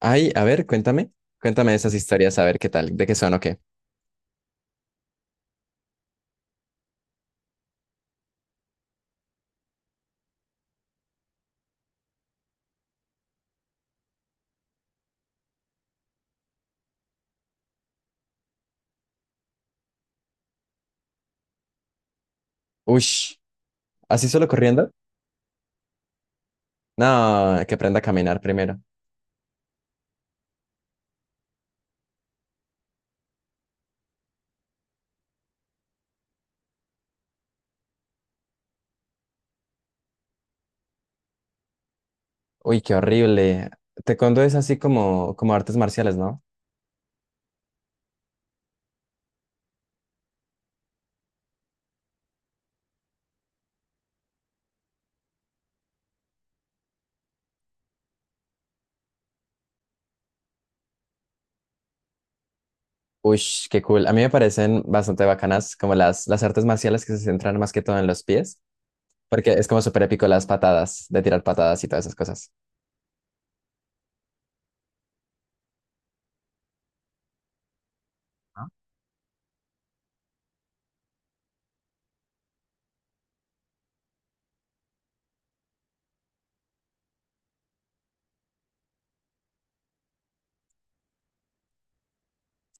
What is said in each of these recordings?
Ay, a ver, cuéntame, cuéntame esas historias, a ver qué tal, de qué son o qué. Ush, ¿así solo corriendo? No, que aprenda a caminar primero. Uy, qué horrible. Taekwondo es así como, como artes marciales, ¿no? Ush, qué cool. A mí me parecen bastante bacanas como las artes marciales que se centran más que todo en los pies, porque es como súper épico las patadas, de tirar patadas y todas esas cosas.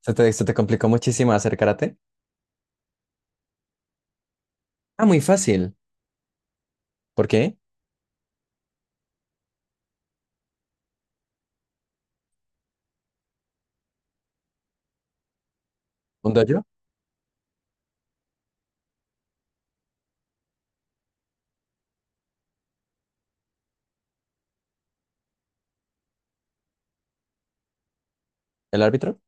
¿Se te complicó muchísimo hacer karate? Ah, muy fácil. ¿Por qué? ¿Un dojo? ¿El árbitro?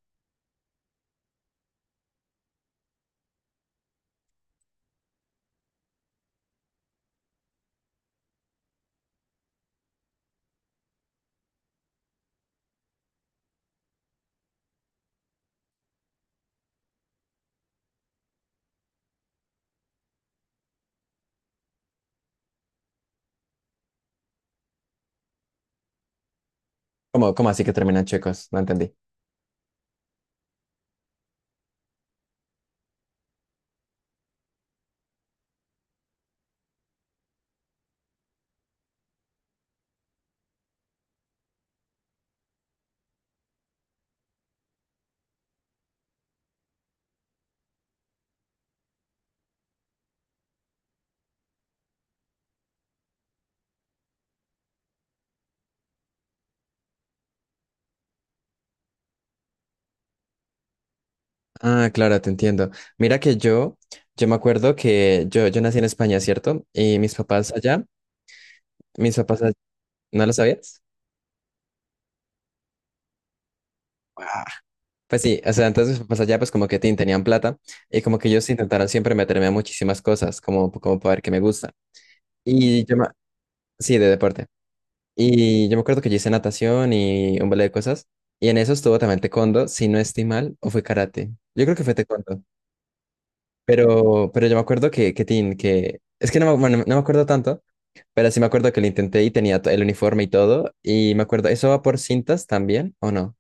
¿Cómo, cómo así que terminan chicos? No entendí. Ah, claro, te entiendo. Mira que yo me acuerdo que yo nací en España, ¿cierto? Y mis papás allá, ¿no lo sabías? Ah, pues sí, o sea, entonces mis papás allá pues como que tenían plata y como que ellos intentaron siempre meterme a muchísimas cosas, como, como para ver qué me gusta. Y yo me... Sí, de deporte. Y yo me acuerdo que yo hice natación y un balde de cosas. Y en eso estuvo también taekwondo, si no estoy mal, o fue karate. Yo creo que fue taekwondo. Pero yo me acuerdo que, que... Es que no me, bueno, no me acuerdo tanto, pero sí me acuerdo que lo intenté y tenía el uniforme y todo. Y me acuerdo, ¿eso va por cintas también o no?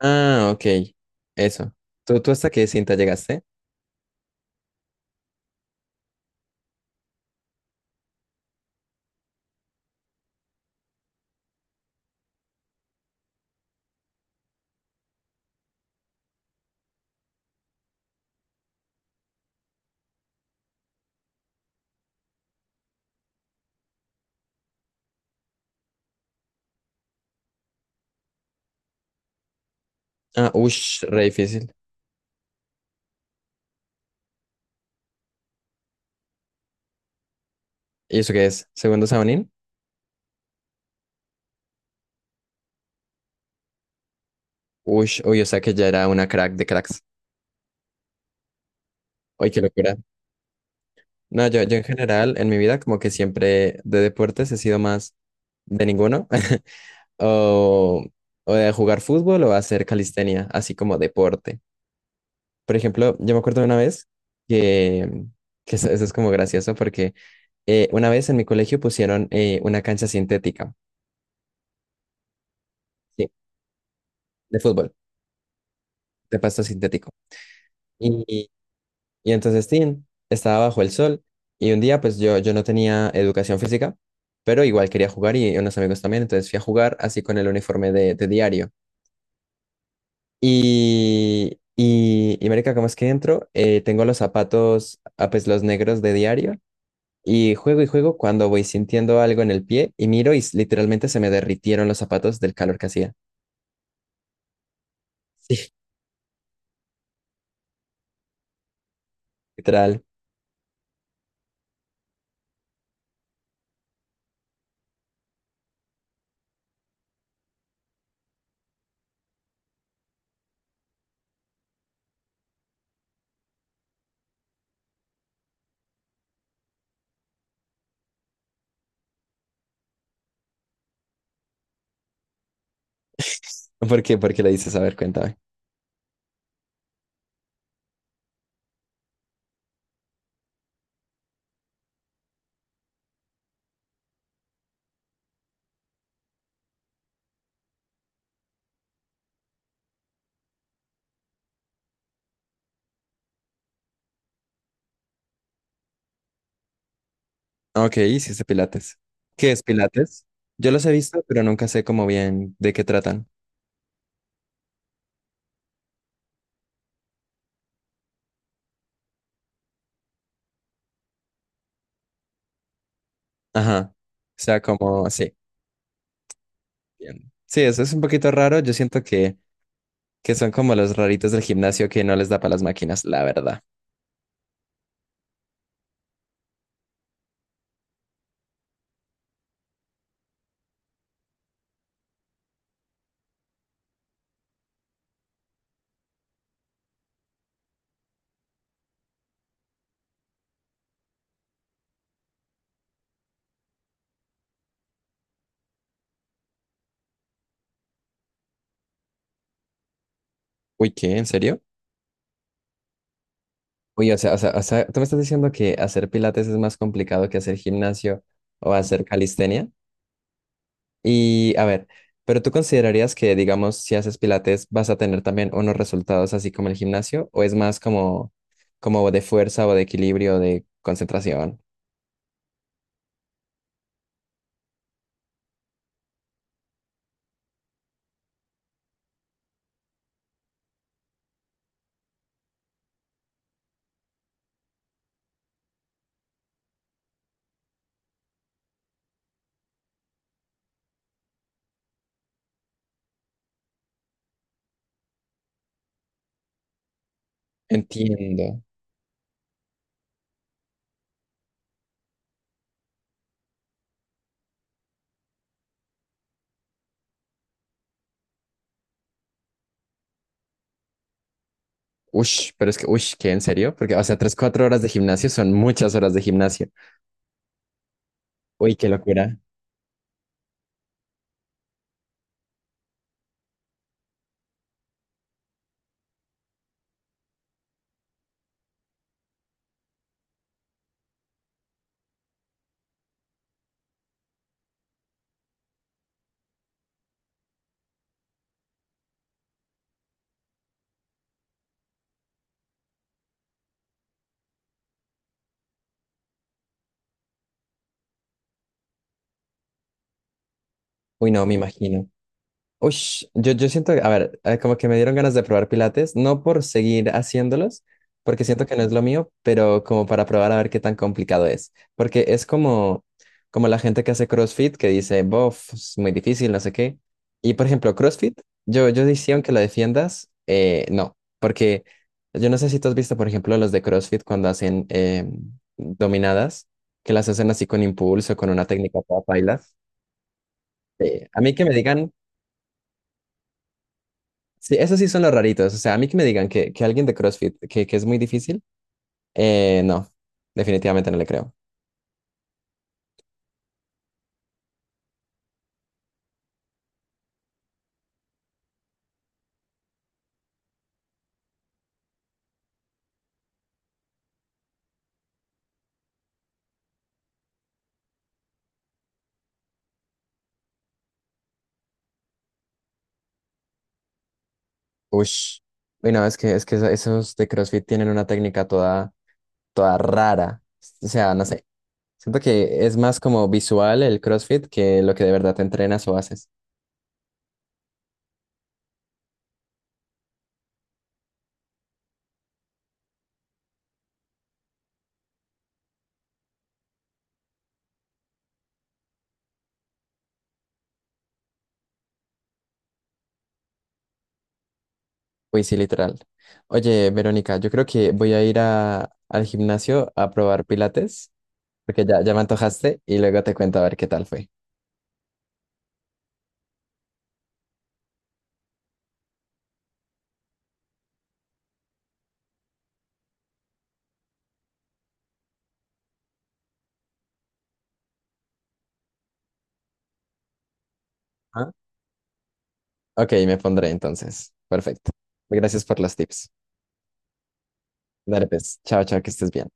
Ah, ok. Eso. ¿Tú, tú hasta qué cinta llegaste? Ah, ush, re difícil. ¿Y eso qué es? ¿Segundo Saonin? Ush, uy, o sea que ya era una crack de cracks. Uy, qué locura. No, yo en general, en mi vida, como que siempre de deportes he sido más de ninguno. O, o de jugar fútbol o hacer calistenia, así como deporte. Por ejemplo, yo me acuerdo de una vez que, que eso es como gracioso porque una vez en mi colegio pusieron una cancha sintética, sí, de fútbol, de pasto sintético. Y, y- y entonces, Tim estaba bajo el sol y un día pues yo no tenía educación física, pero igual quería jugar y unos amigos también, entonces fui a jugar así con el uniforme de diario. Y marica, ¿cómo es que entro? Tengo los zapatos, ah, pues los negros de diario. Y juego cuando voy sintiendo algo en el pie y miro y literalmente se me derritieron los zapatos del calor que hacía. Sí, literal. ¿Por qué? ¿Por qué le dices? A ver, cuéntame. Ok, hiciste pilates. ¿Qué es pilates? Yo los he visto, pero nunca sé cómo bien de qué tratan. Ajá. O sea, como, sí. Bien. Sí, eso es un poquito raro. Yo siento que son como los raritos del gimnasio que no les da para las máquinas, la verdad. Uy, ¿qué? ¿En serio? Oye, o sea, tú me estás diciendo que hacer pilates es más complicado que hacer gimnasio o hacer calistenia. Y a ver, pero tú considerarías que, digamos, si haces pilates vas a tener también unos resultados así como el gimnasio, o es más como, como de fuerza o de equilibrio, de concentración. Entiendo. Ush, pero es que, ush, ¿qué? ¿En serio? Porque, o sea, tres, cuatro horas de gimnasio son muchas horas de gimnasio. Uy, qué locura. Uy, no, me imagino. Uy, yo siento, a ver, como que me dieron ganas de probar pilates, no por seguir haciéndolos, porque siento que no es lo mío, pero como para probar a ver qué tan complicado es. Porque es como, como la gente que hace CrossFit que dice, bof, es muy difícil, no sé qué. Y por ejemplo, CrossFit, yo decía, aunque lo defiendas, no, porque yo no sé si tú has visto, por ejemplo, los de CrossFit cuando hacen dominadas, que las hacen así con impulso, con una técnica toda paila. A mí que me digan. Sí, esos sí son los raritos. O sea, a mí que me digan que alguien de CrossFit, que es muy difícil, no, definitivamente no le creo. Ush. Y no, es que, esos de CrossFit tienen una técnica toda, toda rara. O sea, no sé. Siento que es más como visual el CrossFit que lo que de verdad te entrenas o haces. Uy, sí, literal. Oye, Verónica, yo creo que voy a ir al gimnasio a probar pilates, porque ya, ya me antojaste y luego te cuento a ver qué tal fue. ¿Ah? Ok, me pondré entonces. Perfecto. Gracias por los tips. Dale, pues. Chao, chao, que estés bien.